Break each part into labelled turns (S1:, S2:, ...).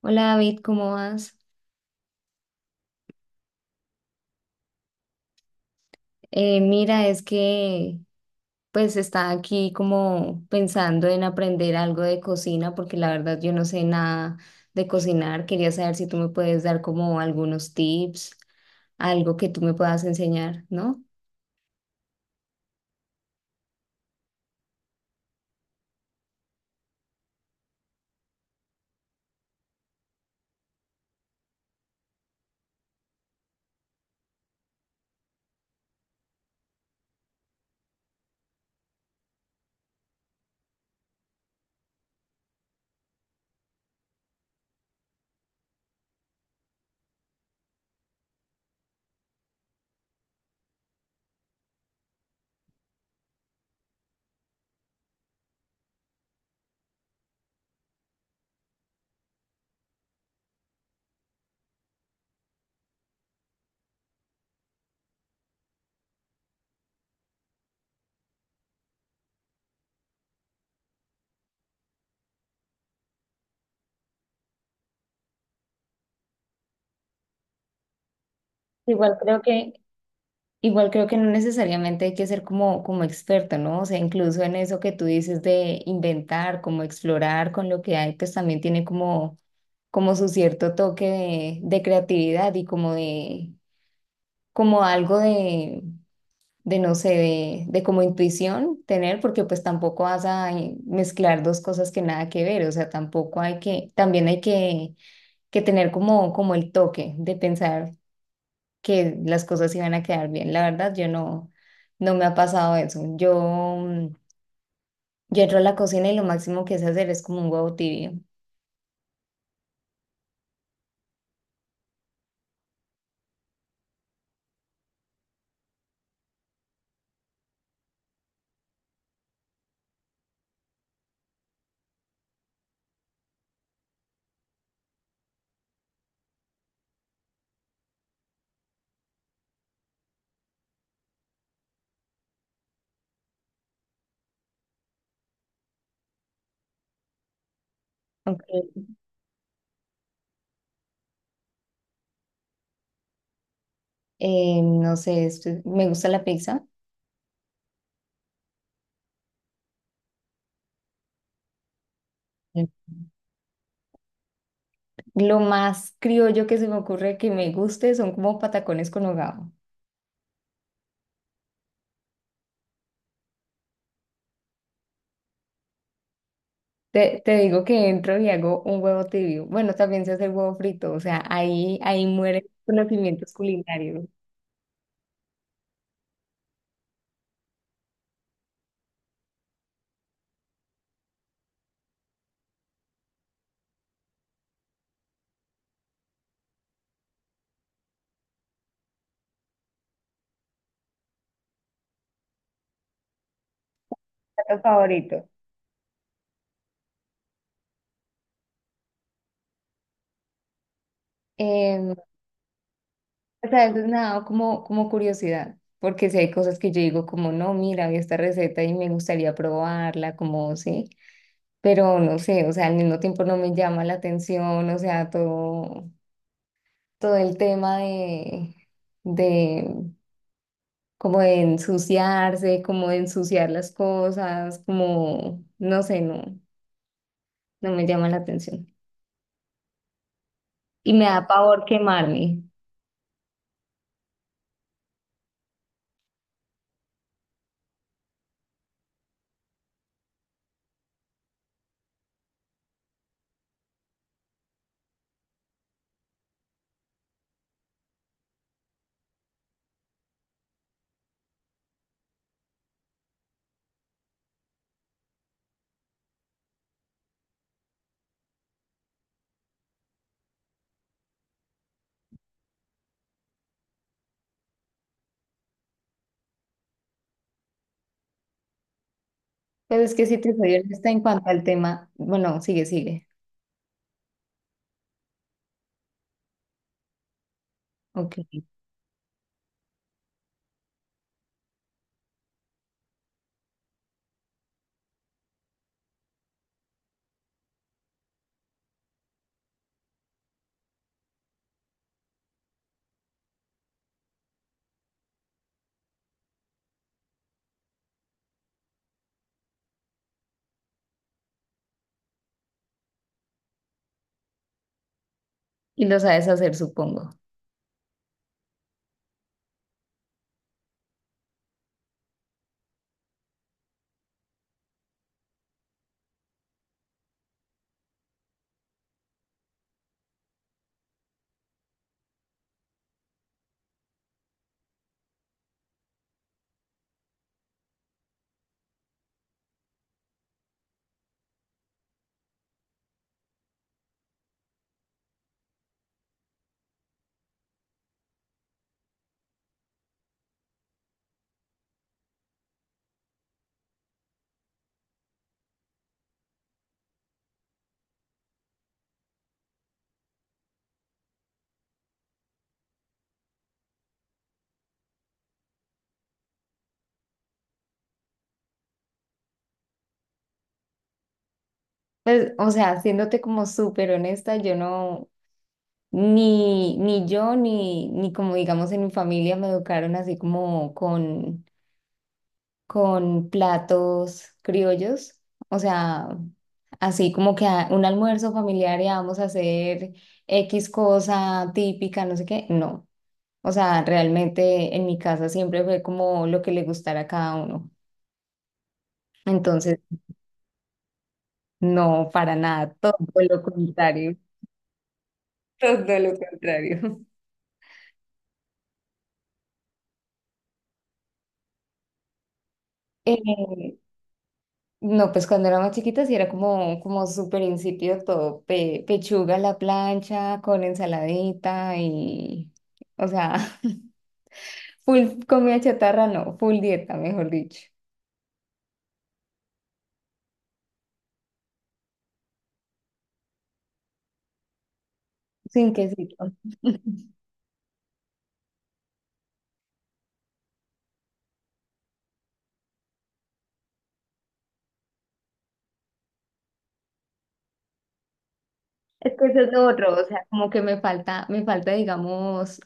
S1: Hola David, ¿cómo vas? Mira, es que pues estaba aquí como pensando en aprender algo de cocina porque la verdad yo no sé nada de cocinar. Quería saber si tú me puedes dar como algunos tips, algo que tú me puedas enseñar, ¿no? Igual creo que, igual creo que no necesariamente hay que ser como, como experto, ¿no? O sea, incluso en eso que tú dices de inventar, como explorar con lo que hay, pues también tiene como como su cierto toque de creatividad y como de, como algo de, de no sé, de como intuición tener, porque pues tampoco vas a mezclar dos cosas que nada que ver, o sea, tampoco hay que, también hay que tener como, como el toque de pensar que las cosas iban a quedar bien. La verdad, yo no, no me ha pasado eso. Mm, yo entro a la cocina y lo máximo que sé hacer es como un huevo tibio. Aunque, no sé, me gusta la pizza. Lo más criollo que se me ocurre que me guste son como patacones con hogao. Te digo que entro y hago un huevo tibio. Bueno, también se hace el huevo frito, o sea, ahí mueren los conocimientos culinarios. Plato favorito. Em, o sea, eso es nada como, como curiosidad, porque si hay cosas que yo digo como, no, mira, vi esta receta y me gustaría probarla, como, sí, pero no sé, o sea, al mismo tiempo no me llama la atención, o sea, todo, todo el tema de como de ensuciarse, como de ensuciar las cosas, como, no sé, no me llama la atención. Y me da pavor quemarme. Pero es que si te soy honesta en cuanto al tema, bueno, sigue, sigue. Ok. Y lo sabes hacer, supongo. Pues, o sea, siéndote como súper honesta, yo no, ni, ni yo, ni, ni como digamos en mi familia me educaron así como con platos criollos, o sea, así como que un almuerzo familiar y vamos a hacer X cosa típica, no sé qué, no. O sea, realmente en mi casa siempre fue como lo que le gustara a cada uno. Entonces, no, para nada, todo lo contrario, todo lo contrario. Eh, No, pues cuando era más chiquita sí era como, como súper insípido todo, pechuga a la plancha con ensaladita y, o sea, full comida chatarra, no, full dieta, mejor dicho, sin quesito. Es que eso es lo otro, o sea, como que digamos,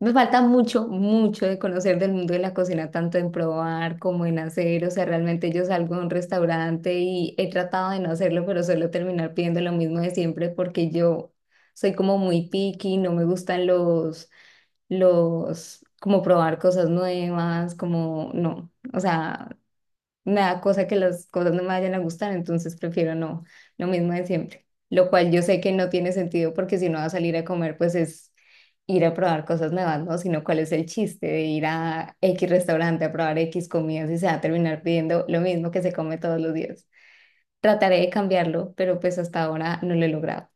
S1: me falta mucho, mucho de conocer del mundo de la cocina, tanto en probar como en hacer. O sea, realmente yo salgo a un restaurante y he tratado de no hacerlo, pero suelo terminar pidiendo lo mismo de siempre porque yo soy como muy picky, no me gustan como probar cosas nuevas, como no. O sea, me da cosa que las cosas no me vayan a gustar, entonces prefiero no, lo mismo de siempre. Lo cual yo sé que no tiene sentido porque si no va a salir a comer, pues es ir a probar cosas nuevas, ¿no? Sino cuál es el chiste de ir a X restaurante a probar X comidas y se va a terminar pidiendo lo mismo que se come todos los días. Trataré de cambiarlo, pero pues hasta ahora no lo he logrado.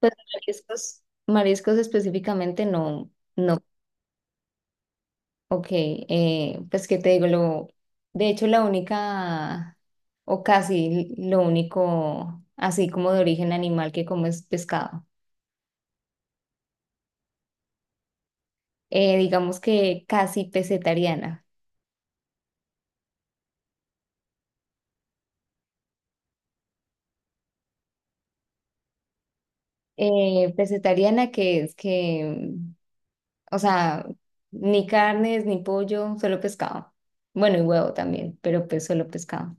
S1: Pues mariscos, mariscos específicamente no, no. Ok, pues qué te digo, lo, de hecho la única, o casi lo único, así como de origen animal que como es pescado. Digamos que casi pesetariana. Pesetariana que es que, o sea, ni carnes, ni pollo, solo pescado. Bueno, y huevo también, pero pues solo pescado.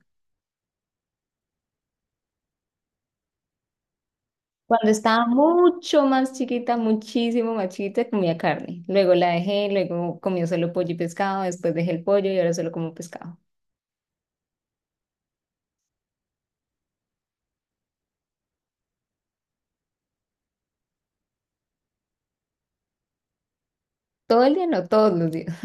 S1: Cuando estaba mucho más chiquita, muchísimo más chiquita, comía carne. Luego la dejé, luego comía solo pollo y pescado, después dejé el pollo y ahora solo como pescado. Todo el día, no todos los días.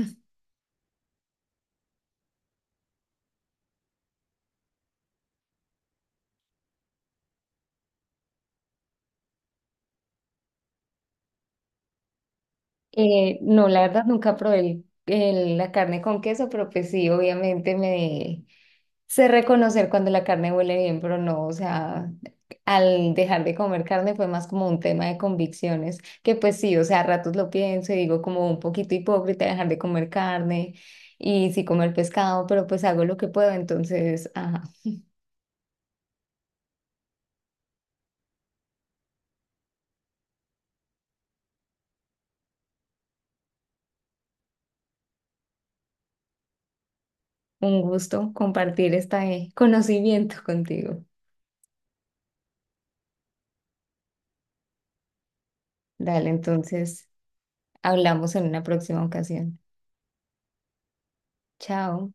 S1: No, la verdad nunca probé la carne con queso, pero pues sí, obviamente me sé reconocer cuando la carne huele bien, pero no, o sea, al dejar de comer carne fue más como un tema de convicciones, que pues sí, o sea, a ratos lo pienso y digo como un poquito hipócrita dejar de comer carne y sí comer pescado, pero pues hago lo que puedo, entonces, ajá, un gusto compartir este conocimiento contigo. Dale, entonces, hablamos en una próxima ocasión. Chao.